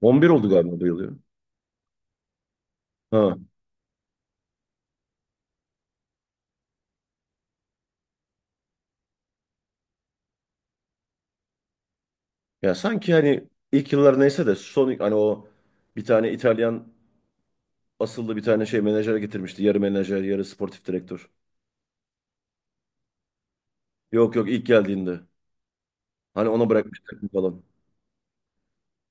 11 oldu galiba bu yıl ya. Ha. Ya sanki hani ilk yıllar neyse de son hani o bir tane İtalyan asıllı bir tane şey menajer getirmişti. Yarı menajer, yarı sportif direktör. Yok yok ilk geldiğinde. Hani ona bırakmış takım falan.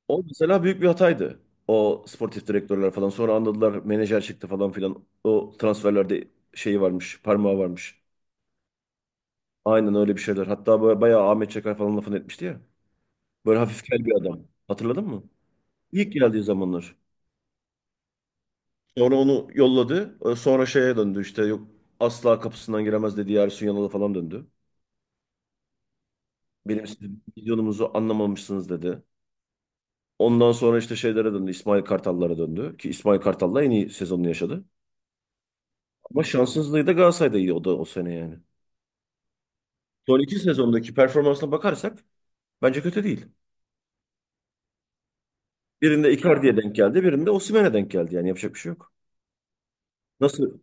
O mesela büyük bir hataydı. O sportif direktörler falan. Sonra anladılar menajer çıktı falan filan. O transferlerde şeyi varmış, parmağı varmış. Aynen öyle bir şeyler. Hatta böyle bayağı Ahmet Çakar falan lafını etmişti ya. Böyle hafif kel bir adam. Hatırladın mı? İlk geldiği zamanlar. Sonra onu yolladı. Sonra şeye döndü işte yok asla kapısından giremez dedi. Ersun Yanal'a falan döndü. Benim sizin videonuzu anlamamışsınız dedi. Ondan sonra işte şeylere döndü. İsmail Kartal'lara döndü. Ki İsmail Kartal'la en iyi sezonunu yaşadı. Ama şanssızlığı da Galatasaray'da iyi o da o sene yani. Son iki sezondaki performansına bakarsak bence kötü değil. Birinde Icardi'ye denk geldi. Birinde Osimhen'e denk geldi. Yani yapacak bir şey yok. Nasıl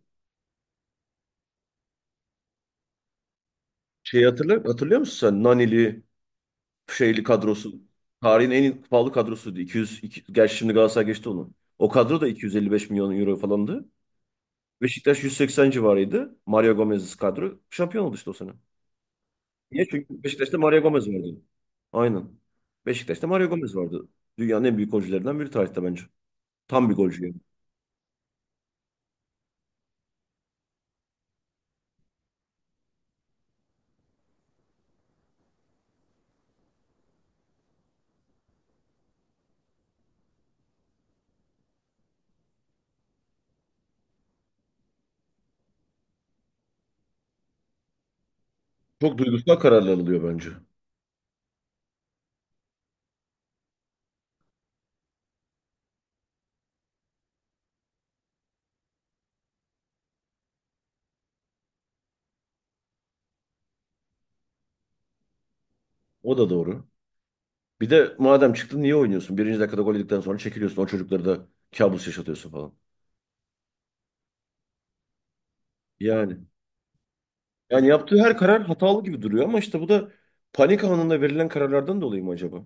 şeyi hatırlıyor musun sen? Nanili, şeyli kadrosu. Tarihin en pahalı kadrosuydu. 200, gerçi şimdi Galatasaray geçti onu. O kadro da 255 milyon euro falandı. Beşiktaş 180 civarıydı. Mario Gomez'siz kadro. Şampiyon oldu işte o sene. Niye? Çünkü Beşiktaş'ta Mario Gomez vardı. Aynen. Beşiktaş'ta Mario Gomez vardı. Dünyanın en büyük golcülerinden biri tarihte bence. Tam bir golcü yani. Çok duygusal kararlar alıyor bence. O da doğru. Bir de madem çıktın niye oynuyorsun? Birinci dakikada gol yedikten sonra çekiliyorsun. O çocukları da kabus yaşatıyorsun falan. Yani. Yani yaptığı her karar hatalı gibi duruyor ama işte bu da panik anında verilen kararlardan dolayı mı acaba?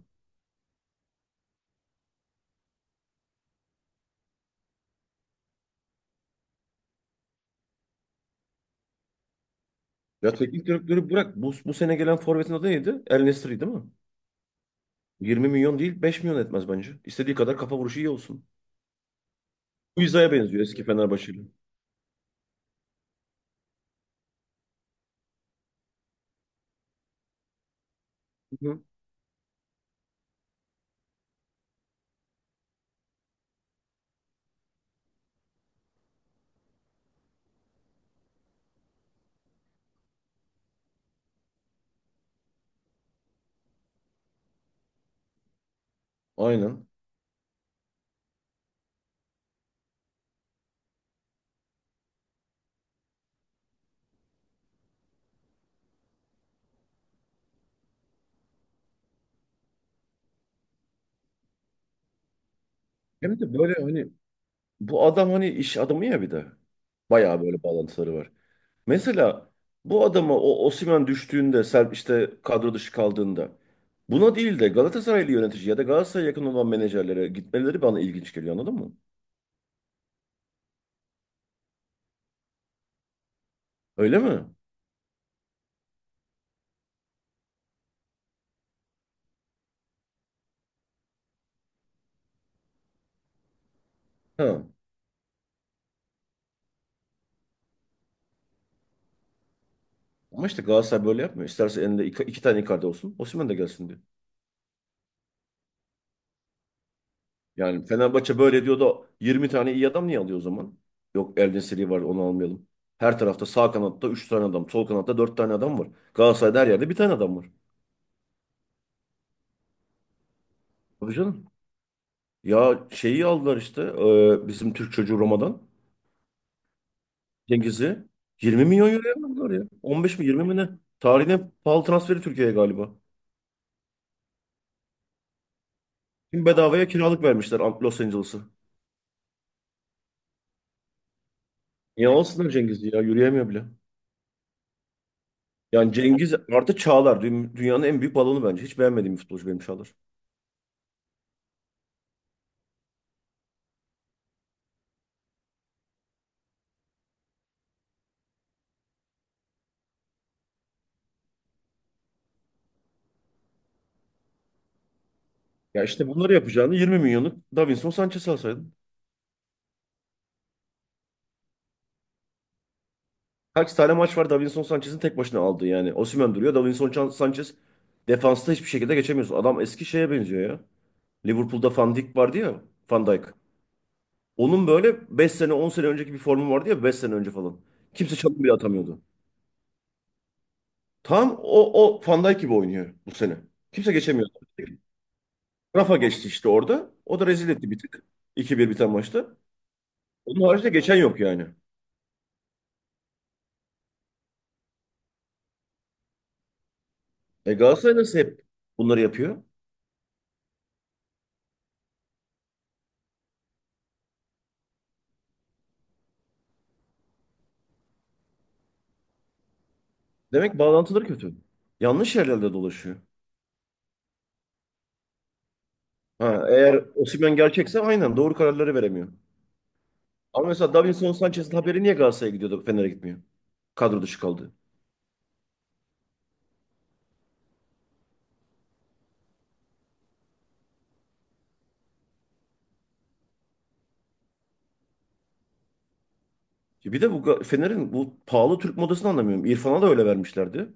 Ya teknik direktörü bırak. Bu sene gelen forvetin adı neydi? El Nesri değil mi? 20 milyon değil 5 milyon etmez bence. İstediği kadar kafa vuruşu iyi olsun. Bu benziyor eski Fenerbahçeli. Hı hı. Aynen. Hem de böyle hani. Bu adam hani iş adamı ya bir de. Bayağı böyle bağlantıları var. Mesela bu adama o Osimhen düştüğünde, Serp işte kadro dışı kaldığında buna değil de Galatasaraylı yönetici ya da Galatasaray'a yakın olan menajerlere gitmeleri bana ilginç geliyor anladın mı? Öyle mi? Ha. Ama işte Galatasaray böyle yapmıyor. İsterse elinde iki tane Icardi olsun, Osimhen de gelsin diyor. Yani Fenerbahçe böyle diyor da 20 tane iyi adam niye alıyor o zaman? Yok Eldin Seri var onu almayalım. Her tarafta sağ kanatta 3 tane adam, sol kanatta 4 tane adam var. Galatasaray'da her yerde bir tane adam var. Tabii canım. Ya şeyi aldılar işte bizim Türk çocuğu Roma'dan. Cengiz'i. 20 milyon euroya aldılar ya. 15 mi 20 mi ne? Tarihin en pahalı transferi Türkiye'ye galiba. Şimdi bedavaya kiralık vermişler Los Angeles'ı. Niye alsınlar Cengiz'i ya? Yürüyemiyor bile. Yani Cengiz artı Çağlar. Dünyanın en büyük balonu bence. Hiç beğenmediğim bir futbolcu benim Çağlar. Ya işte bunları yapacağını 20 milyonluk Davinson Sanchez alsaydın. Kaç tane maç var Davinson Sanchez'in tek başına aldığı yani. Osimhen duruyor. Davinson Sanchez defansta hiçbir şekilde geçemiyorsun. Adam eski şeye benziyor ya. Liverpool'da Van Dijk vardı ya. Van Dijk. Onun böyle 5 sene 10 sene önceki bir formu vardı ya 5 sene önce falan. Kimse çalım bile atamıyordu. Tam o Van Dijk gibi oynuyor bu sene. Kimse geçemiyor. Rafa geçti işte orada. O da rezil etti bir tık. 2 bir biten maçta. Onun haricinde geçen yok yani. Galatasaray nasıl hep bunları yapıyor? Demek bağlantıları kötü. Yanlış yerlerde dolaşıyor. Ha, eğer Osimhen gerçekse aynen doğru kararları veremiyor. Ama mesela Davinson Sanchez'in haberi niye Galatasaray'a gidiyordu Fener'e gitmiyor? Kadro dışı kaldı. Bir de bu Fener'in bu pahalı Türk modasını anlamıyorum. İrfan'a da öyle vermişlerdi.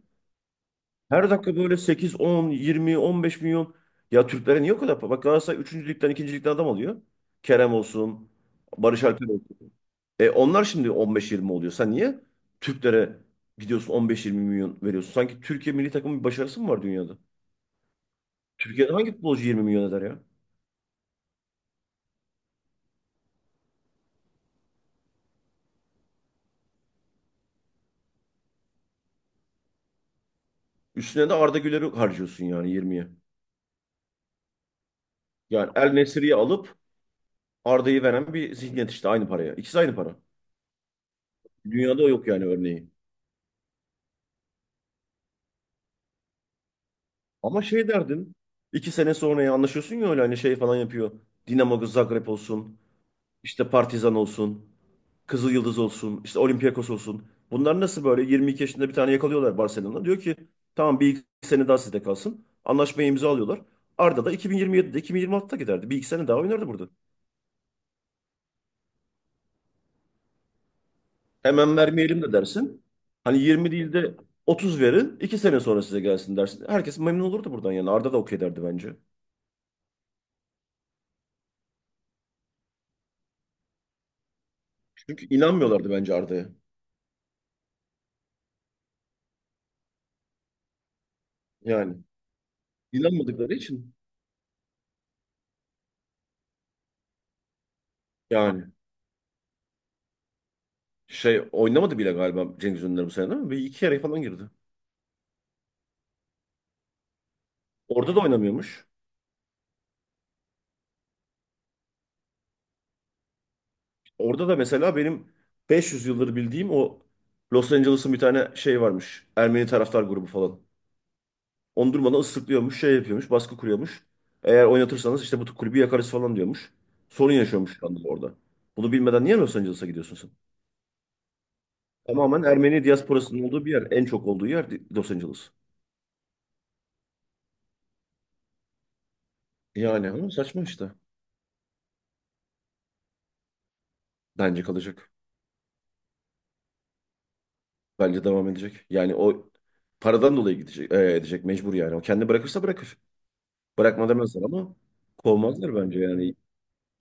Her dakika böyle sekiz on yirmi on beş milyon. Ya Türklere niye o kadar para? Bak Galatasaray 3. ligden 2. ligden adam alıyor. Kerem olsun, Barış Alper olsun. Onlar şimdi 15-20 oluyor. Sen niye Türklere gidiyorsun 15-20 milyon veriyorsun? Sanki Türkiye milli takımın bir başarısı mı var dünyada? Türkiye'de hangi futbolcu 20 milyon eder ya? Üstüne de Arda Güler'i harcıyorsun yani 20'ye. Yani El Nesiri'yi alıp Arda'yı veren bir zihniyet işte aynı paraya. İkisi aynı para. Dünyada yok yani örneği. Ama şey derdin. İki sene sonra ya anlaşıyorsun ya öyle hani şey falan yapıyor. Dinamo Zagreb olsun. İşte Partizan olsun. Kızıl Yıldız olsun. İşte Olympiakos olsun. Bunlar nasıl böyle 22 yaşında bir tane yakalıyorlar Barcelona'dan. Diyor ki tamam bir iki sene daha sizde kalsın. Anlaşmayı imza alıyorlar. Arda da 2027'de 2026'da giderdi. Bir iki sene daha oynardı burada. Hemen vermeyelim de dersin. Hani 20 değil de 30 verin. İki sene sonra size gelsin dersin. Herkes memnun olurdu buradan yani. Arda da okey derdi bence. Çünkü inanmıyorlardı bence Arda'ya. Yani inanmadıkları için yani şey oynamadı bile galiba Cengiz Ünder bu sene değil mi? Bir iki yarı falan girdi. Orada da oynamıyormuş. Orada da mesela benim 500 yıldır bildiğim o Los Angeles'ın bir tane şey varmış. Ermeni taraftar grubu falan. Onu durmadan ıslıklıyormuş, şey yapıyormuş, baskı kuruyormuş. Eğer oynatırsanız işte bu kulübü yakarız falan diyormuş. Sorun yaşıyormuş şu anda orada. Bunu bilmeden niye Los Angeles'a gidiyorsun sen? Tamamen Ermeni diasporasının olduğu bir yer. En çok olduğu yer Los Angeles. Yani ama saçma işte. Bence kalacak. Bence devam edecek. Yani o paradan dolayı gidecek, edecek mecbur yani. O kendi bırakırsa bırakır. Bırakma demezler ama kovmazlar bence yani.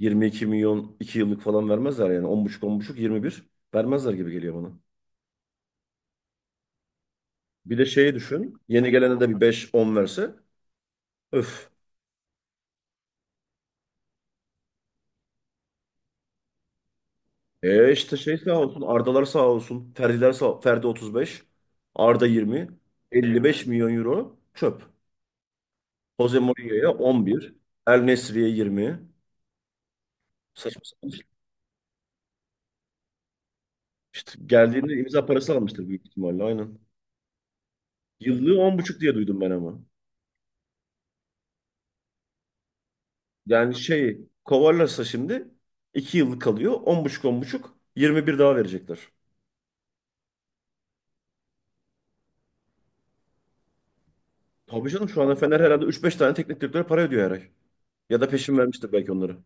22 milyon 2 yıllık falan vermezler yani. 10,5 10,5 21 vermezler gibi geliyor bana. Bir de şeyi düşün. Yeni gelene de bir 5-10 verse. Öf. İşte şey sağ olsun. Ardalar sağ olsun. Ferdiler sağ Ferdi 35. Arda 20. 55 milyon euro çöp. Jose Mourinho'ya 11. El Nesri'ye 20. Saçma sapan. İşte geldiğinde imza parası almıştır büyük ihtimalle, aynen. Yıllığı on buçuk diye duydum ben ama. Yani şey kovarlarsa şimdi 2 yıllık kalıyor. On buçuk on buçuk 21 daha verecekler. Tabii canım şu anda Fener herhalde üç beş tane teknik direktöre para ödüyor her ay. Ya da peşin vermiştir belki onları.